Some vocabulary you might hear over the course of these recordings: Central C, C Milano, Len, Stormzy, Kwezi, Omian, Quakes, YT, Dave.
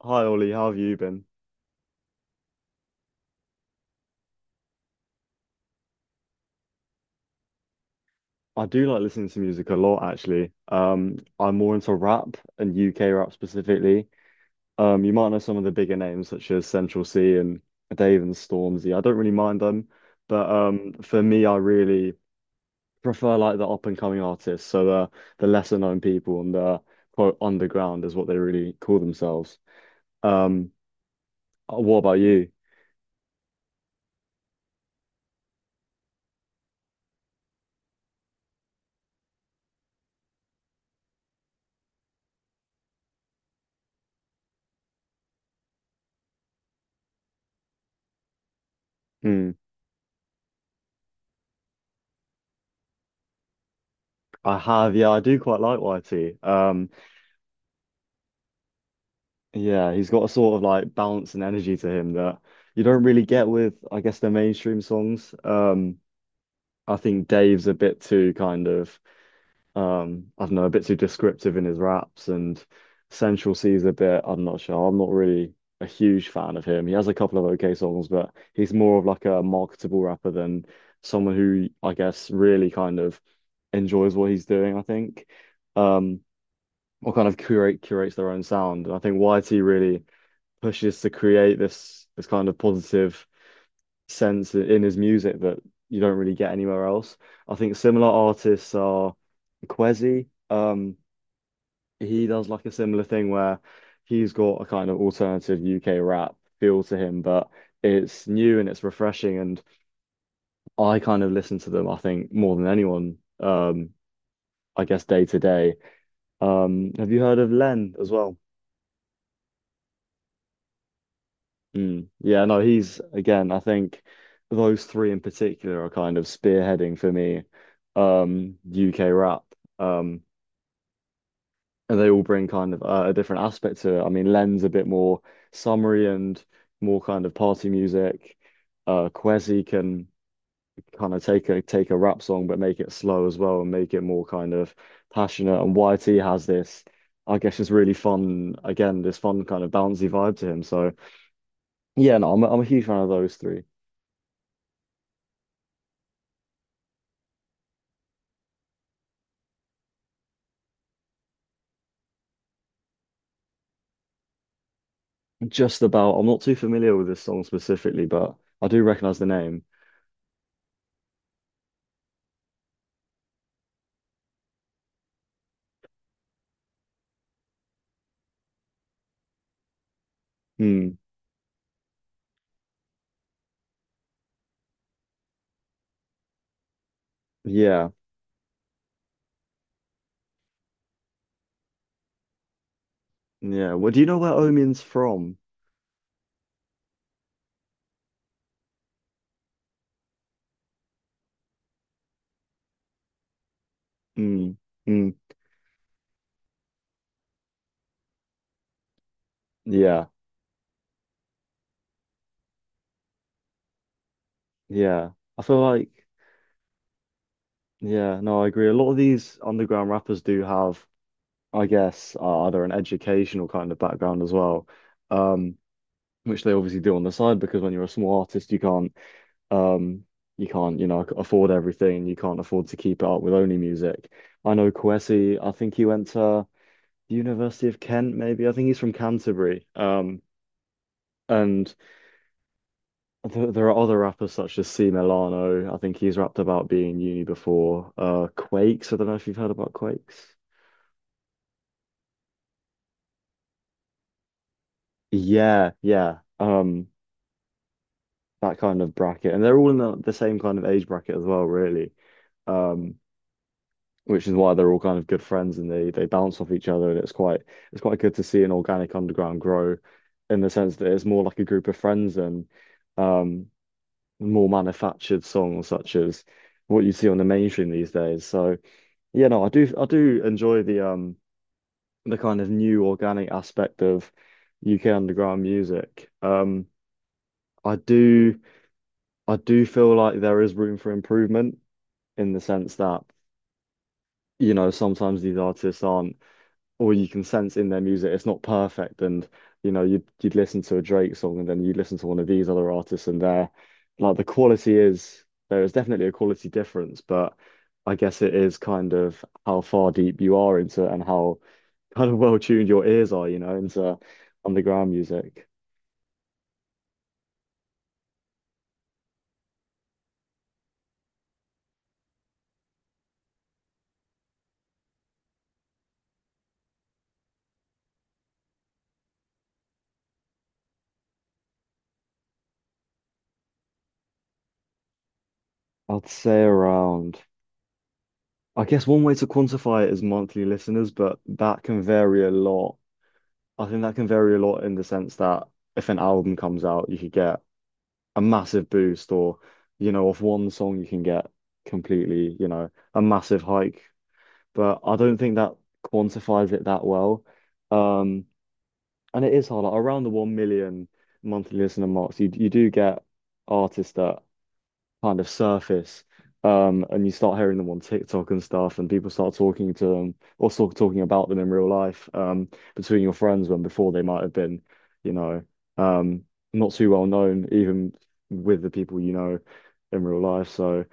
Hi Ollie, how have you been? I do like listening to music a lot actually. I'm more into rap and UK rap specifically. You might know some of the bigger names such as Central C and Dave and Stormzy. I don't really mind them, but for me, I really prefer like the up and coming artists, so the lesser known people and the quote underground is what they really call themselves. Um, what about you? Hmm. I have, yeah, I do quite like YT. Yeah, he's got a sort of like balance and energy to him that you don't really get with, I guess, the mainstream songs. I think Dave's a bit too kind of, I don't know, a bit too descriptive in his raps, and Central C's a bit, I'm not sure. I'm not really a huge fan of him. He has a couple of okay songs, but he's more of like a marketable rapper than someone who I guess really kind of enjoys what he's doing, I think. Um, or kind of curates their own sound. And I think YT really pushes to create this kind of positive sense in his music that you don't really get anywhere else. I think similar artists are Kwezi. He does like a similar thing where he's got a kind of alternative UK rap feel to him, but it's new and it's refreshing. And I kind of listen to them, I think, more than anyone, I guess day to day. Have you heard of Len as well? Mm. Yeah, no, he's again, I think those three in particular are kind of spearheading for me UK rap. Um and they all bring kind of a different aspect to it. I mean, Len's a bit more summery and more kind of party music. Uh, Kwezi can kind of take a rap song but make it slow as well and make it more kind of passionate. And YT has this, I guess, just really fun, again, this fun kind of bouncy vibe to him. So yeah, no, I'm a huge fan of those three. Just about. I'm not too familiar with this song specifically, but I do recognize the name. Hmm. Yeah. Yeah. Well, do you know where Omin's from? Hmm. Hmm. Yeah. Yeah. I feel like, yeah, no, I agree. A lot of these underground rappers do have, I guess, either an educational kind of background as well, um, which they obviously do on the side because when you're a small artist, you can't, um, you can't, you know, afford everything. You can't afford to keep it up with only music. I know Kwesi, I think he went to the University of Kent, maybe. I think he's from Canterbury. And th there are other rappers such as C Milano. I think he's rapped about being in uni before. Quakes. I don't know if you've heard about Quakes. Yeah, yeah. That kind of bracket, and they're all in the same kind of age bracket as well, really. Um, which is why they're all kind of good friends, and they bounce off each other, and it's quite good to see an organic underground grow, in the sense that it's more like a group of friends and um more manufactured songs such as what you see on the mainstream these days. So yeah, no, I do enjoy the kind of new organic aspect of UK underground music. I do I do feel like there is room for improvement in the sense that, you know, sometimes these artists aren't or you can sense in their music it's not perfect, and you know you'd listen to a Drake song and then you listen to one of these other artists, and they're like the quality is there is definitely a quality difference, but I guess it is kind of how far deep you are into it and how kind of well tuned your ears are, you know, into underground music. I'd say around, I guess one way to quantify it is monthly listeners, but that can vary a lot. I think that can vary a lot in the sense that if an album comes out you could get a massive boost, or you know off one song you can get completely, you know, a massive hike, but I don't think that quantifies it that well. um and it is hard, like, around the 1 million monthly listener marks you you do get artists that kind of surface. And you start hearing them on TikTok and stuff, and people start talking to them or sort of talking about them in real life, between your friends when before they might have been, you know, um, not too well known, even with the people you know in real life. So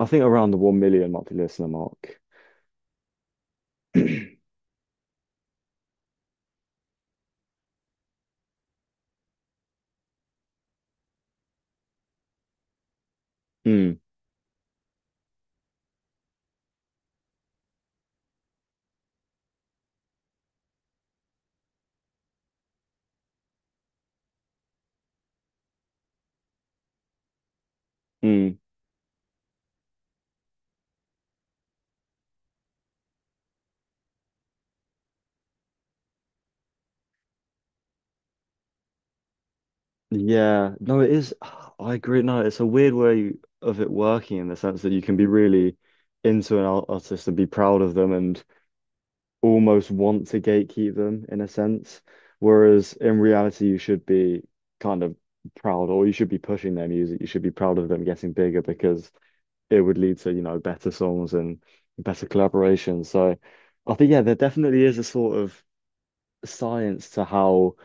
I think around the 1 million monthly listener mark. Mm, mm. Yeah, no, it is. I agree. No, it's a weird way of it working in the sense that you can be really into an artist and be proud of them and almost want to gatekeep them in a sense. Whereas in reality, you should be kind of proud, or you should be pushing their music. You should be proud of them getting bigger because it would lead to, you know, better songs and better collaborations. So I think, yeah, there definitely is a sort of science to how,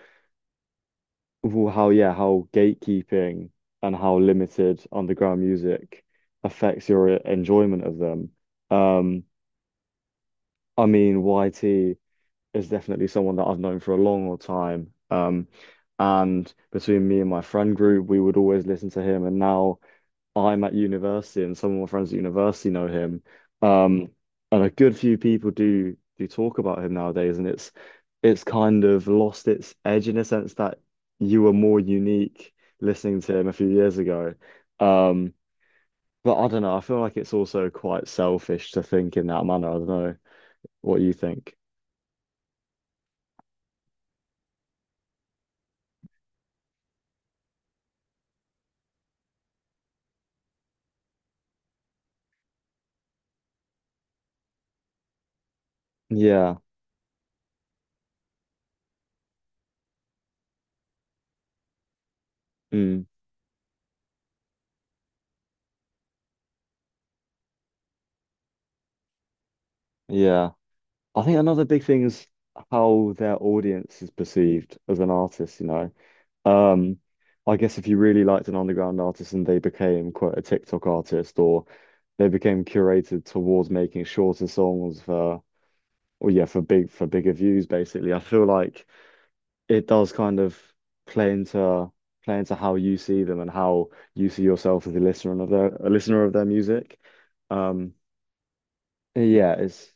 well, how, yeah, how gatekeeping and how limited underground music affects your enjoyment of them. Um, I mean, YT is definitely someone that I've known for a long time. And between me and my friend group, we would always listen to him. And now I'm at university, and some of my friends at university know him. Um, and a good few people do do talk about him nowadays, and it's kind of lost its edge in a sense that you were more unique listening to him a few years ago. Um, but I don't know. I feel like it's also quite selfish to think in that manner. I don't know what you think. Yeah. Mm. Yeah. I think another big thing is how their audience is perceived as an artist, you know. Um, I guess if you really liked an underground artist and they became quote a TikTok artist or they became curated towards making shorter songs for, or yeah, for bigger views basically. I feel like it does kind of play into play into how you see them and how you see yourself as a listener of their music. Um, yeah, it's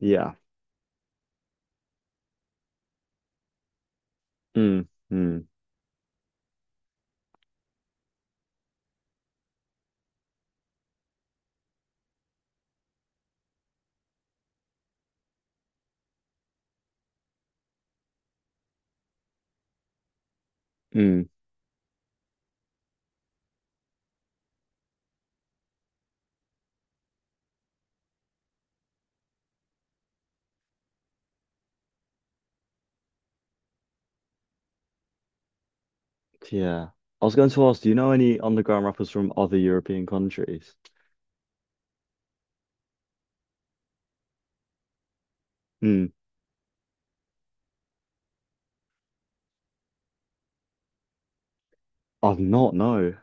yeah. Mm, mm, mm. Yeah. I was going to ask, do you know any underground rappers from other European countries? Hmm. I've not, no.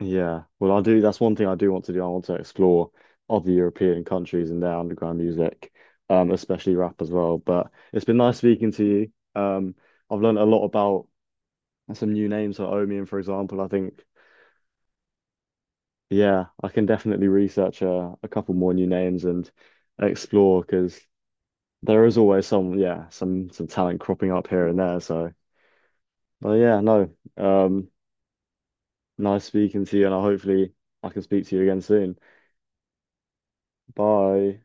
Yeah. Well, I do. That's one thing I do want to do. I want to explore other European countries and their underground music, especially rap as well. But it's been nice speaking to you. Um, I've learned a lot about some new names, like Omian, for example. I think, yeah, I can definitely research a couple more new names and explore because there is always some, yeah, some talent cropping up here and there. So. But yeah, no. Um, Nice speaking to you, and I hopefully I can speak to you again soon. Bye.